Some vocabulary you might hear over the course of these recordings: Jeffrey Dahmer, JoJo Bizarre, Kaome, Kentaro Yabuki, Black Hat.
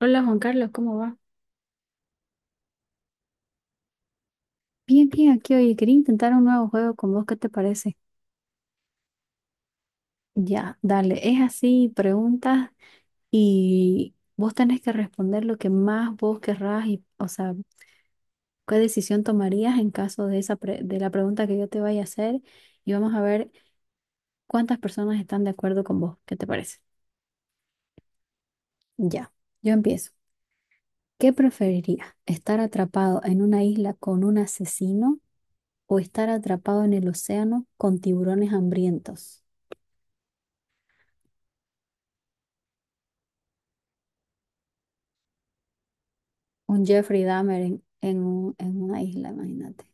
Hola Juan Carlos, ¿cómo va? Bien, bien, aquí oye, quería intentar un nuevo juego con vos, ¿qué te parece? Ya, dale, es así, preguntas y vos tenés que responder lo que más vos querrás y, o sea, qué decisión tomarías en caso de de la pregunta que yo te vaya a hacer y vamos a ver cuántas personas están de acuerdo con vos, ¿qué te parece? Ya, yo empiezo. ¿Qué preferirías? ¿Estar atrapado en una isla con un asesino o estar atrapado en el océano con tiburones hambrientos? Un Jeffrey Dahmer en una isla, imagínate.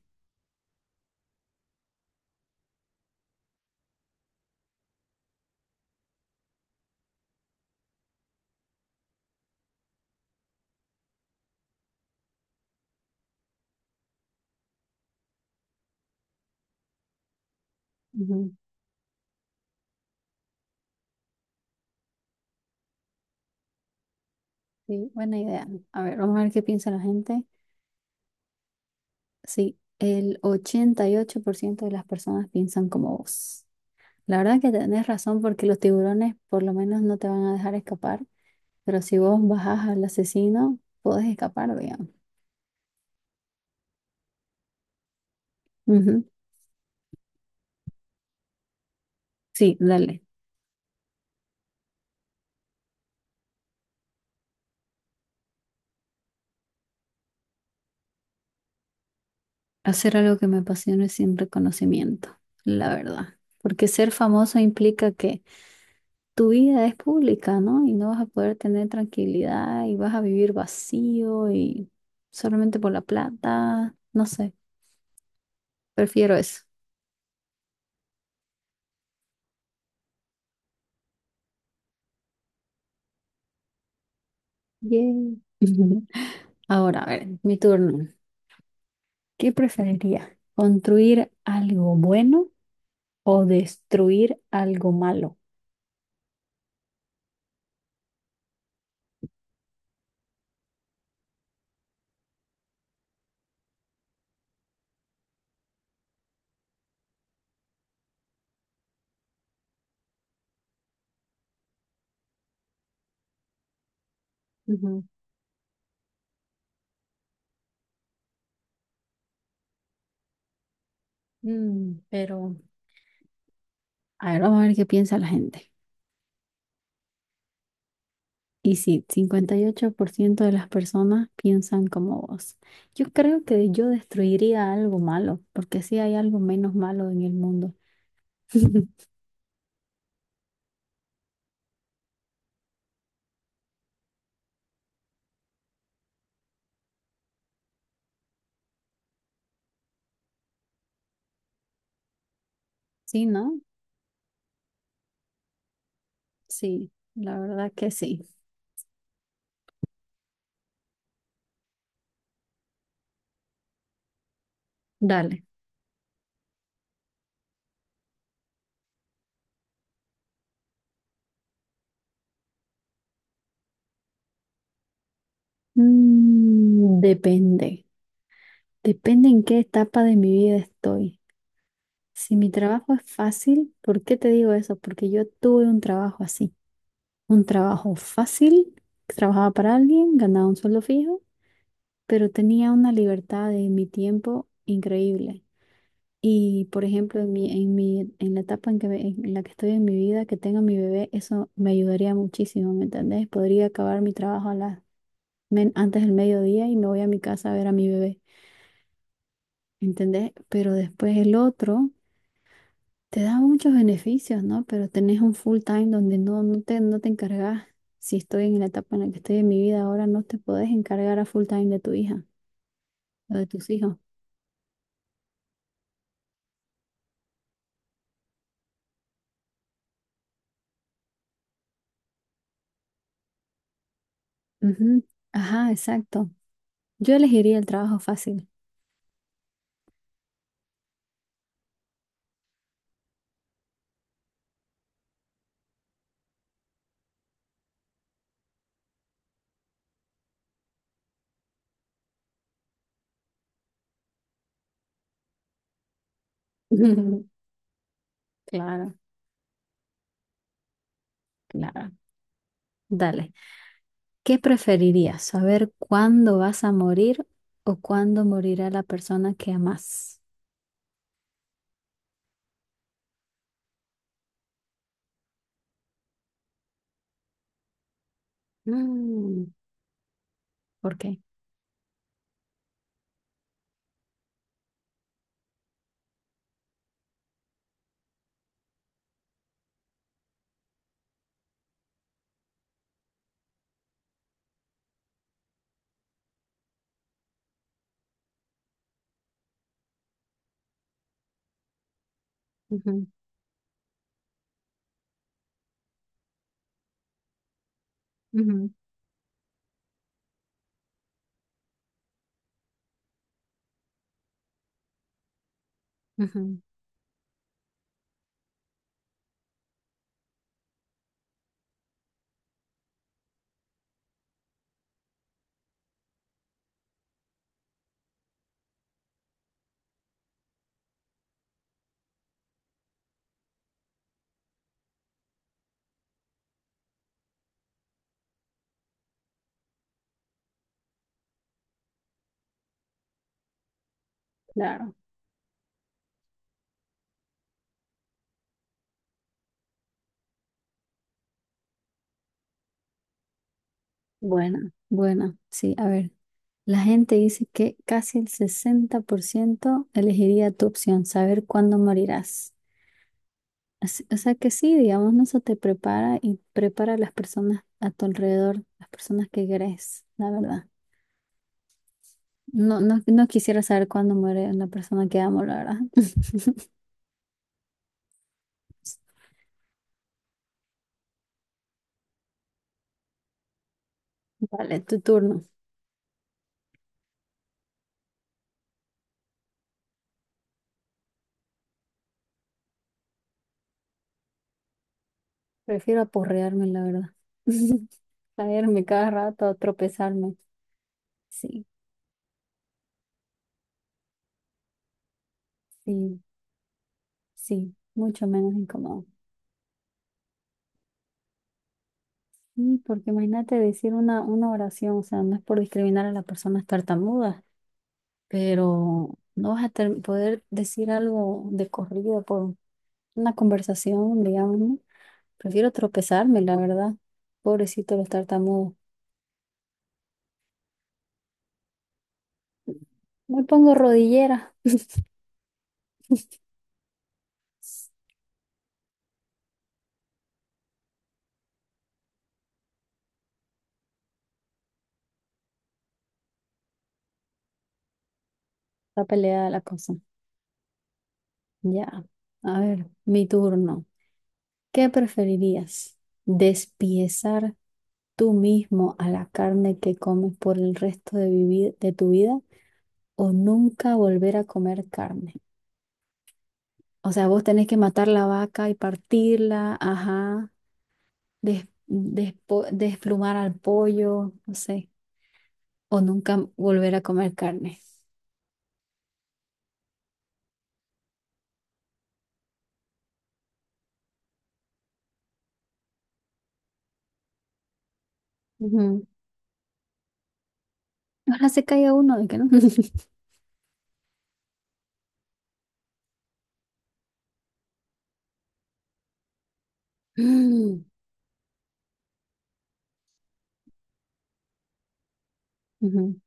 Ujú. Sí, buena idea. A ver, vamos a ver qué piensa la gente. Sí, el 88% de las personas piensan como vos. La verdad que tenés razón porque los tiburones por lo menos no te van a dejar escapar, pero si vos bajás al asesino, podés escapar, digamos. Ujú. Sí, dale. Hacer algo que me apasione sin reconocimiento, la verdad. Porque ser famoso implica que tu vida es pública, ¿no? Y no vas a poder tener tranquilidad y vas a vivir vacío y solamente por la plata, no sé, prefiero eso. Yay. Ujú. Ahora, a ver, mi turno. ¿Qué preferiría? ¿Construir algo bueno o destruir algo malo? Ujú. Mm, pero, a ver, vamos a ver qué piensa la gente. Y sí, 58% de las personas piensan como vos. Yo creo que yo destruiría algo malo, porque sí hay algo menos malo en el mundo. Sí, ¿no? Sí, la verdad que sí. Dale. Depende. Depende en qué etapa de mi vida estoy. Si mi trabajo es fácil, ¿por qué te digo eso? Porque yo tuve un trabajo así. Un trabajo fácil, trabajaba para alguien, ganaba un sueldo fijo pero tenía una libertad de mi tiempo increíble. Y por ejemplo, en la etapa en la que estoy en mi vida, que tenga mi bebé, eso me ayudaría muchísimo, ¿me entendés? Podría acabar mi trabajo antes del mediodía y me voy a mi casa a ver a mi bebé, ¿entendés? Pero después el otro te da muchos beneficios, ¿no? Pero tenés un full time donde no te encargas. Si estoy en la etapa en la que estoy en mi vida ahora, no te podés encargar a full time de tu hija o de tus hijos. Ujú. Ajá, exacto. Yo elegiría el trabajo fácil. Claro, claro. Dale. ¿Qué preferirías? ¿Saber cuándo vas a morir o cuándo morirá la persona que amas? Mm, ¿por qué? Ujú, ujú, ujú, claro. Buena, buena. Sí, a ver. La gente dice que casi el 60% elegiría tu opción, saber cuándo morirás. Así- O sea que sí, digamos, ¿no? Eso te prepara y prepara a las personas a tu alrededor, las personas que querés, la verdad. No, no, no quisiera saber cuándo muere la persona que amo, la verdad. Vale, tu turno. Prefiero aporrearme, la verdad. Caerme cada rato, tropezarme. Sí, sí, sí, mucho menos incómodo. Porque imagínate decir una oración, o sea, no es por discriminar a las personas tartamudas, pero no vas a poder decir algo de corrido por una conversación, digamos, ¿no? Prefiero tropezarme, la verdad. Pobrecito los tartamudos. Me pongo rodillera. Está peleada la cosa. Ya. A ver, mi turno. ¿Qué preferirías? ¿Despiezar tú mismo a la carne que comes por el resto de tu vida o nunca volver a comer carne? O sea, vos tenés que matar la vaca y partirla, ajá, desplumar al pollo, no sé, o nunca volver a comer carne. Ujú. Ahora se cae uno de que no. Mm, ujú.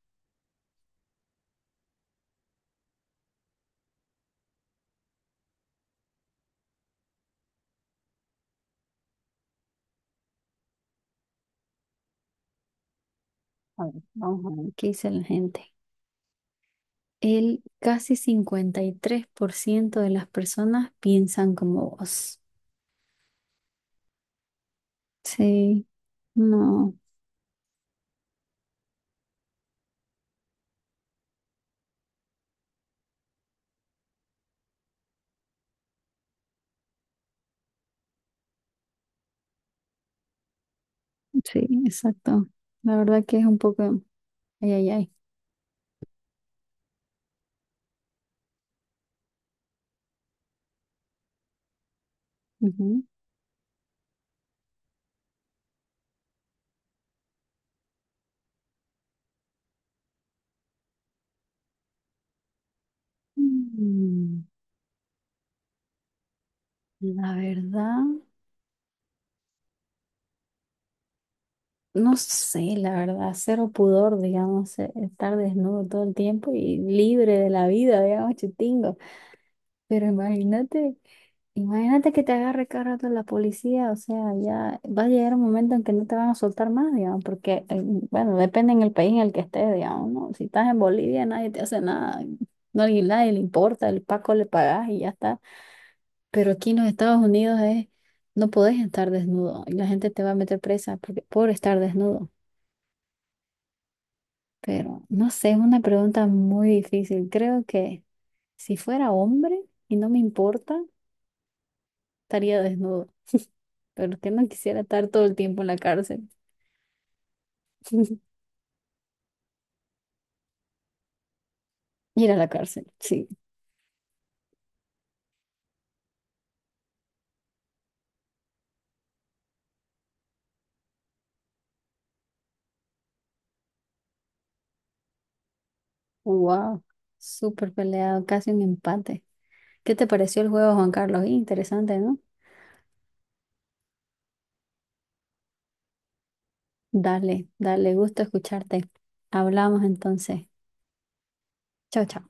A ver, vamos a ver qué dice la gente. El casi 53% de las personas piensan como vos. Sí, no, sí, exacto. La verdad que es un poco... Ay, ay, ay. Ujú. Mm, La verdad, no sé, la verdad, cero pudor, digamos, estar desnudo todo el tiempo y libre de la vida, digamos, chutingo. Pero imagínate, imagínate que te agarre cada rato la policía, o sea, ya va a llegar un momento en que no te van a soltar más, digamos, porque, bueno, depende en el país en el que estés, digamos, ¿no? Si estás en Bolivia, nadie te hace nada, no a nadie le importa, el Paco le pagas y ya está. Pero aquí en los Estados Unidos es, no podés estar desnudo y la gente te va a meter presa porque, por estar desnudo. Pero no sé, es una pregunta muy difícil. Creo que si fuera hombre y no me importa, estaría desnudo. Pero que no quisiera estar todo el tiempo en la cárcel. Ir a la cárcel, sí. Wow, súper peleado, casi un empate. ¿Qué te pareció el juego, Juan Carlos? Interesante, ¿no? Dale, dale, gusto escucharte. Hablamos entonces. Chao, chao.